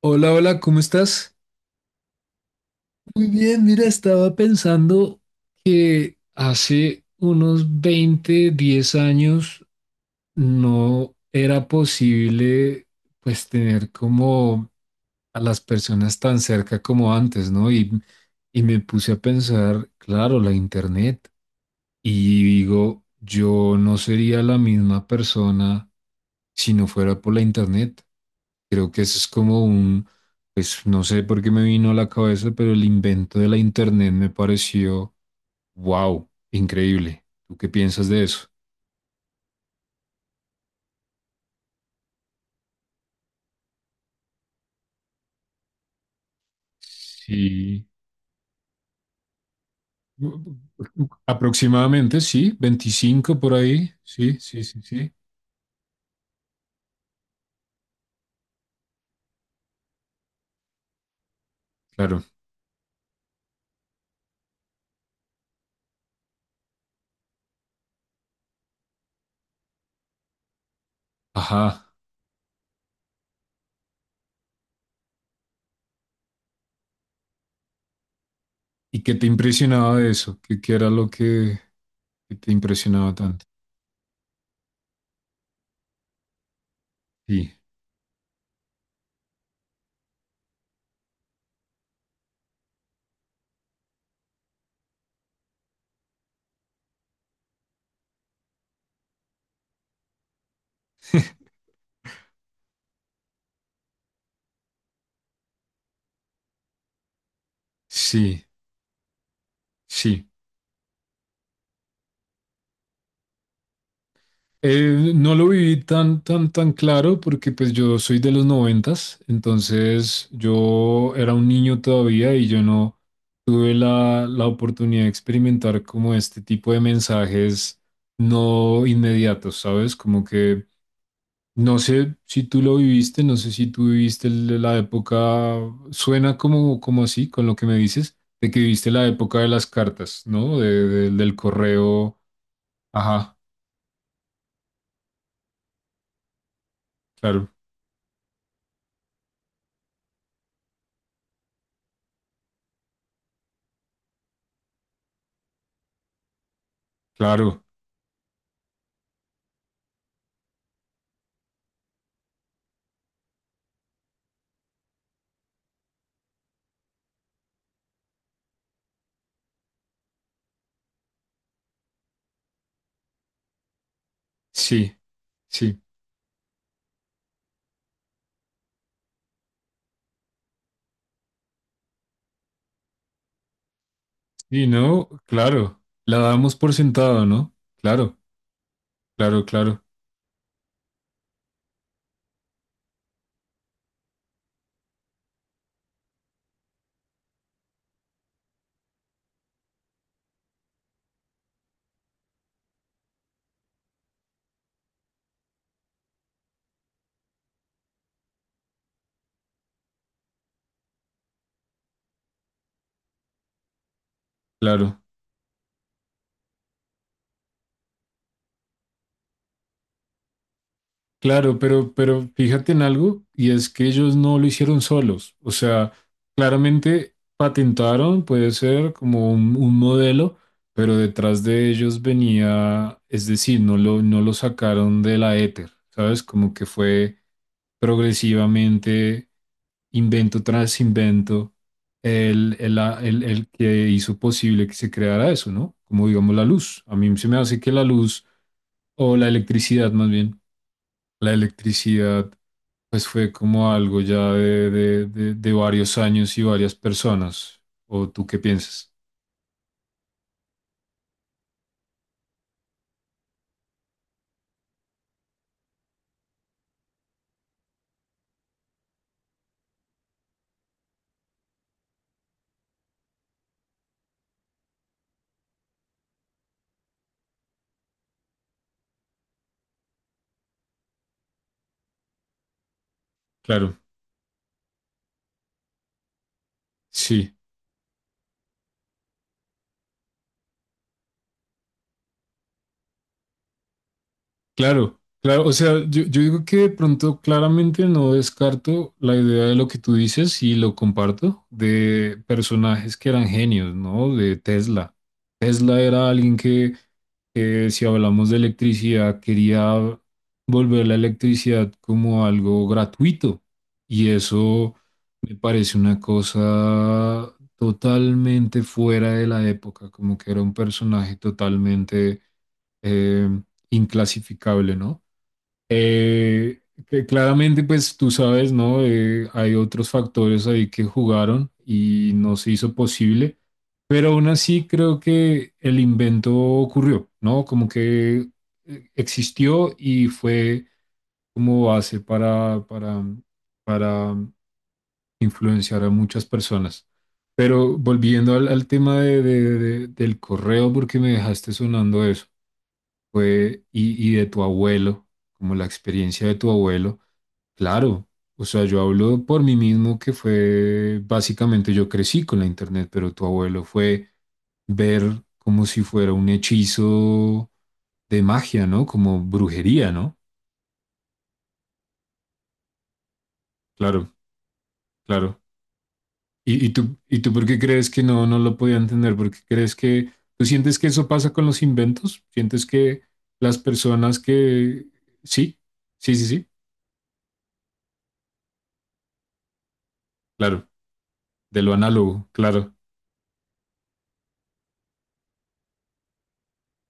Hola, hola, ¿cómo estás? Muy bien, mira, estaba pensando que hace unos 20 10 años no era posible pues tener como a las personas tan cerca como antes, ¿no? Y me puse a pensar, claro, la internet. Y digo, yo no sería la misma persona si no fuera por la internet. Creo que eso es como un, pues no sé por qué me vino a la cabeza, pero el invento de la internet me pareció, wow, increíble. ¿Tú qué piensas de eso? Sí. Aproximadamente, sí, 25 por ahí. Sí, sí, sí, sí. Claro. Ajá. ¿Y qué te impresionaba de eso? ¿Qué, qué era lo que te impresionaba tanto? Sí, sí, sí. No lo viví tan, tan, tan claro porque pues yo soy de los noventas, entonces yo era un niño todavía y yo no tuve la, la oportunidad de experimentar como este tipo de mensajes no inmediatos, ¿sabes? Como que no sé si tú lo viviste, no sé si tú viviste el- la época, suena como, como así con lo que me dices, de que viviste la época de las cartas, ¿no? De- del correo, ajá, claro, claro. Sí, sí, y no, claro, la damos por sentado, ¿no? Claro, claro, claro, claro. Claro, pero fíjate en algo, y es que ellos no lo hicieron solos. O sea, claramente patentaron, puede ser como un modelo, pero detrás de ellos venía, es decir, no lo, no lo sacaron de la éter, ¿sabes? Como que fue progresivamente invento tras invento el que hizo posible que se creara eso, ¿no? Como digamos la luz. A mí se me hace que la luz, o la electricidad más bien la electricidad, pues fue como algo ya de varios años y varias personas. ¿O tú qué piensas? Claro, sí, claro, claro. O sea, yo digo que de pronto claramente no descarto la idea de lo que tú dices y lo comparto, de personajes que eran genios, ¿no? De Tesla. Tesla era alguien que si hablamos de electricidad, quería volver la electricidad como algo gratuito. Y eso me parece una cosa totalmente fuera de la época, como que era un personaje totalmente eh, inclasificable, ¿no? Eh, que claramente, pues tú sabes, ¿no? Hay otros factores ahí que jugaron y no se hizo posible. Pero aún así creo que el invento ocurrió, ¿no? Como que existió y fue como base para influenciar a muchas personas. Pero volviendo al, al tema de- del correo, porque me dejaste sonando eso, fue, y de tu abuelo, como la experiencia de tu abuelo, claro. O sea, yo hablo por mí mismo que fue, básicamente yo crecí con la internet, pero tu abuelo fue ver como si fuera un hechizo de magia, ¿no? Como brujería, ¿no? Claro, claro. ¿Y tú por qué crees que no, no lo podía entender? ¿Por qué crees que tú sientes que eso pasa con los inventos? ¿Sientes que las personas que... Sí, sí, sí, sí, claro, de lo análogo, claro,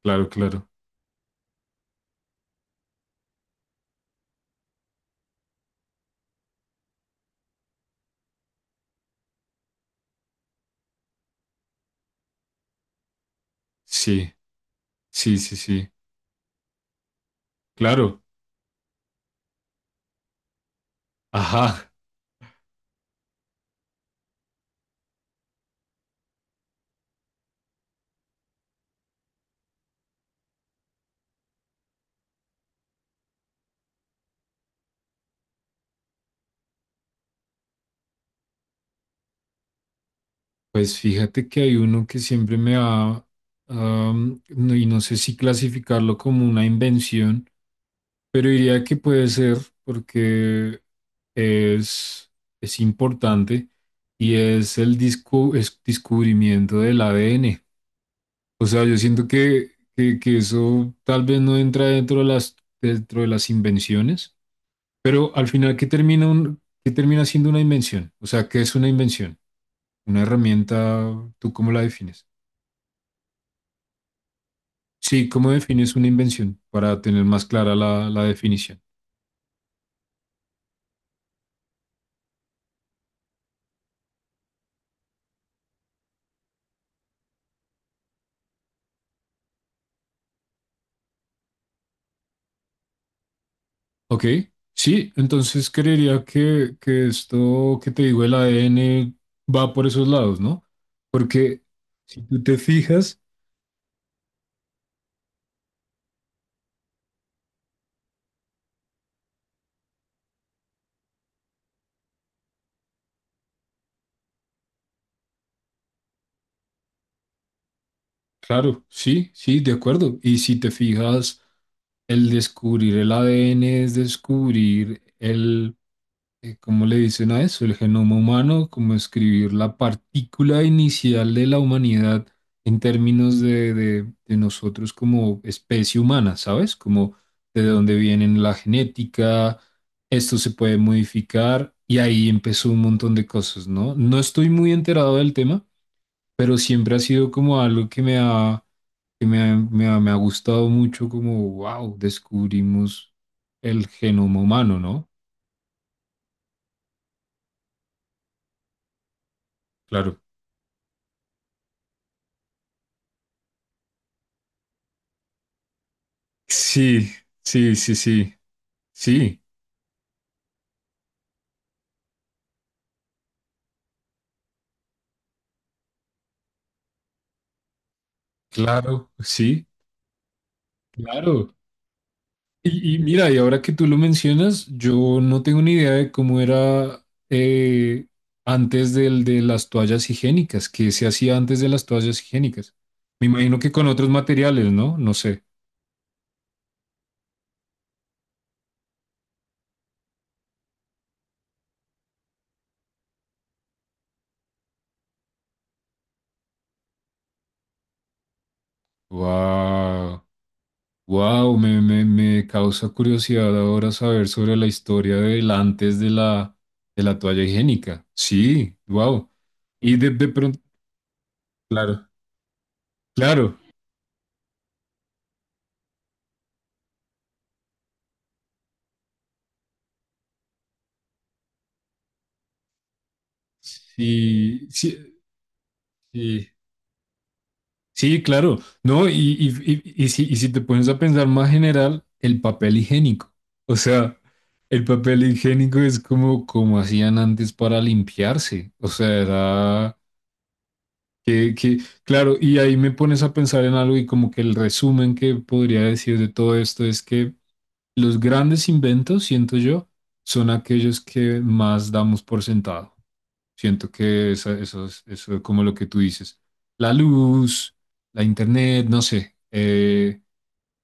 claro, claro. Sí, sí, sí, sí, claro. Ajá. Pues fíjate que hay uno que siempre me ha... no- y no sé si clasificarlo como una invención, pero diría que puede ser porque es, es importante y es el disco, es descubrimiento del ADN. O sea, yo siento que eso tal vez no entra dentro de las invenciones, pero al final, ¿qué termina, un, qué termina siendo una invención? O sea, ¿qué es una invención? Una herramienta, ¿tú cómo la defines? Sí, ¿cómo defines una invención para tener más clara la, la definición? Ok, sí, entonces creería que esto que te digo, el ADN va por esos lados, ¿no? Porque si tú te fijas, claro, sí, sí, de acuerdo. Y si te fijas, el descubrir el ADN es descubrir el, ¿cómo le dicen a eso? El genoma humano, como escribir la partícula inicial de la humanidad en términos de nosotros como especie humana, ¿sabes? Como de dónde vienen la genética, esto se puede modificar y ahí empezó un montón de cosas, ¿no? No estoy muy enterado del tema, pero siempre ha sido como algo que me ha, que me ha gustado mucho, como, wow, descubrimos el genoma humano, ¿no? Claro. Sí, sí, sí, sí, sí, claro, sí, claro. Y mira, y ahora que tú lo mencionas, yo no tengo ni idea de cómo era antes del de las toallas higiénicas, qué se hacía antes de las toallas higiénicas. Me imagino que con otros materiales, ¿no? No sé. Wow, wow, me causa curiosidad ahora saber sobre la historia del antes de la toalla higiénica. Sí, wow. Y de pronto, claro. Claro, sí, sí, sí, sí, claro, ¿no? Y si, y si te pones a pensar más general, el papel higiénico, o sea, el papel higiénico es como, como hacían antes para limpiarse, o sea, era que, claro, y ahí me pones a pensar en algo y como que el resumen que podría decir de todo esto es que los grandes inventos, siento yo, son aquellos que más damos por sentado. Siento que esa- eso es como lo que tú dices. La luz, la internet, no sé,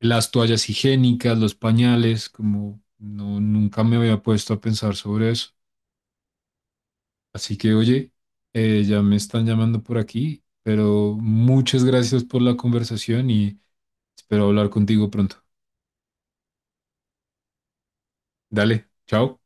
las toallas higiénicas, los pañales, como no, nunca me había puesto a pensar sobre eso. Así que, oye, ya me están llamando por aquí, pero muchas gracias por la conversación y espero hablar contigo pronto. Dale, chao.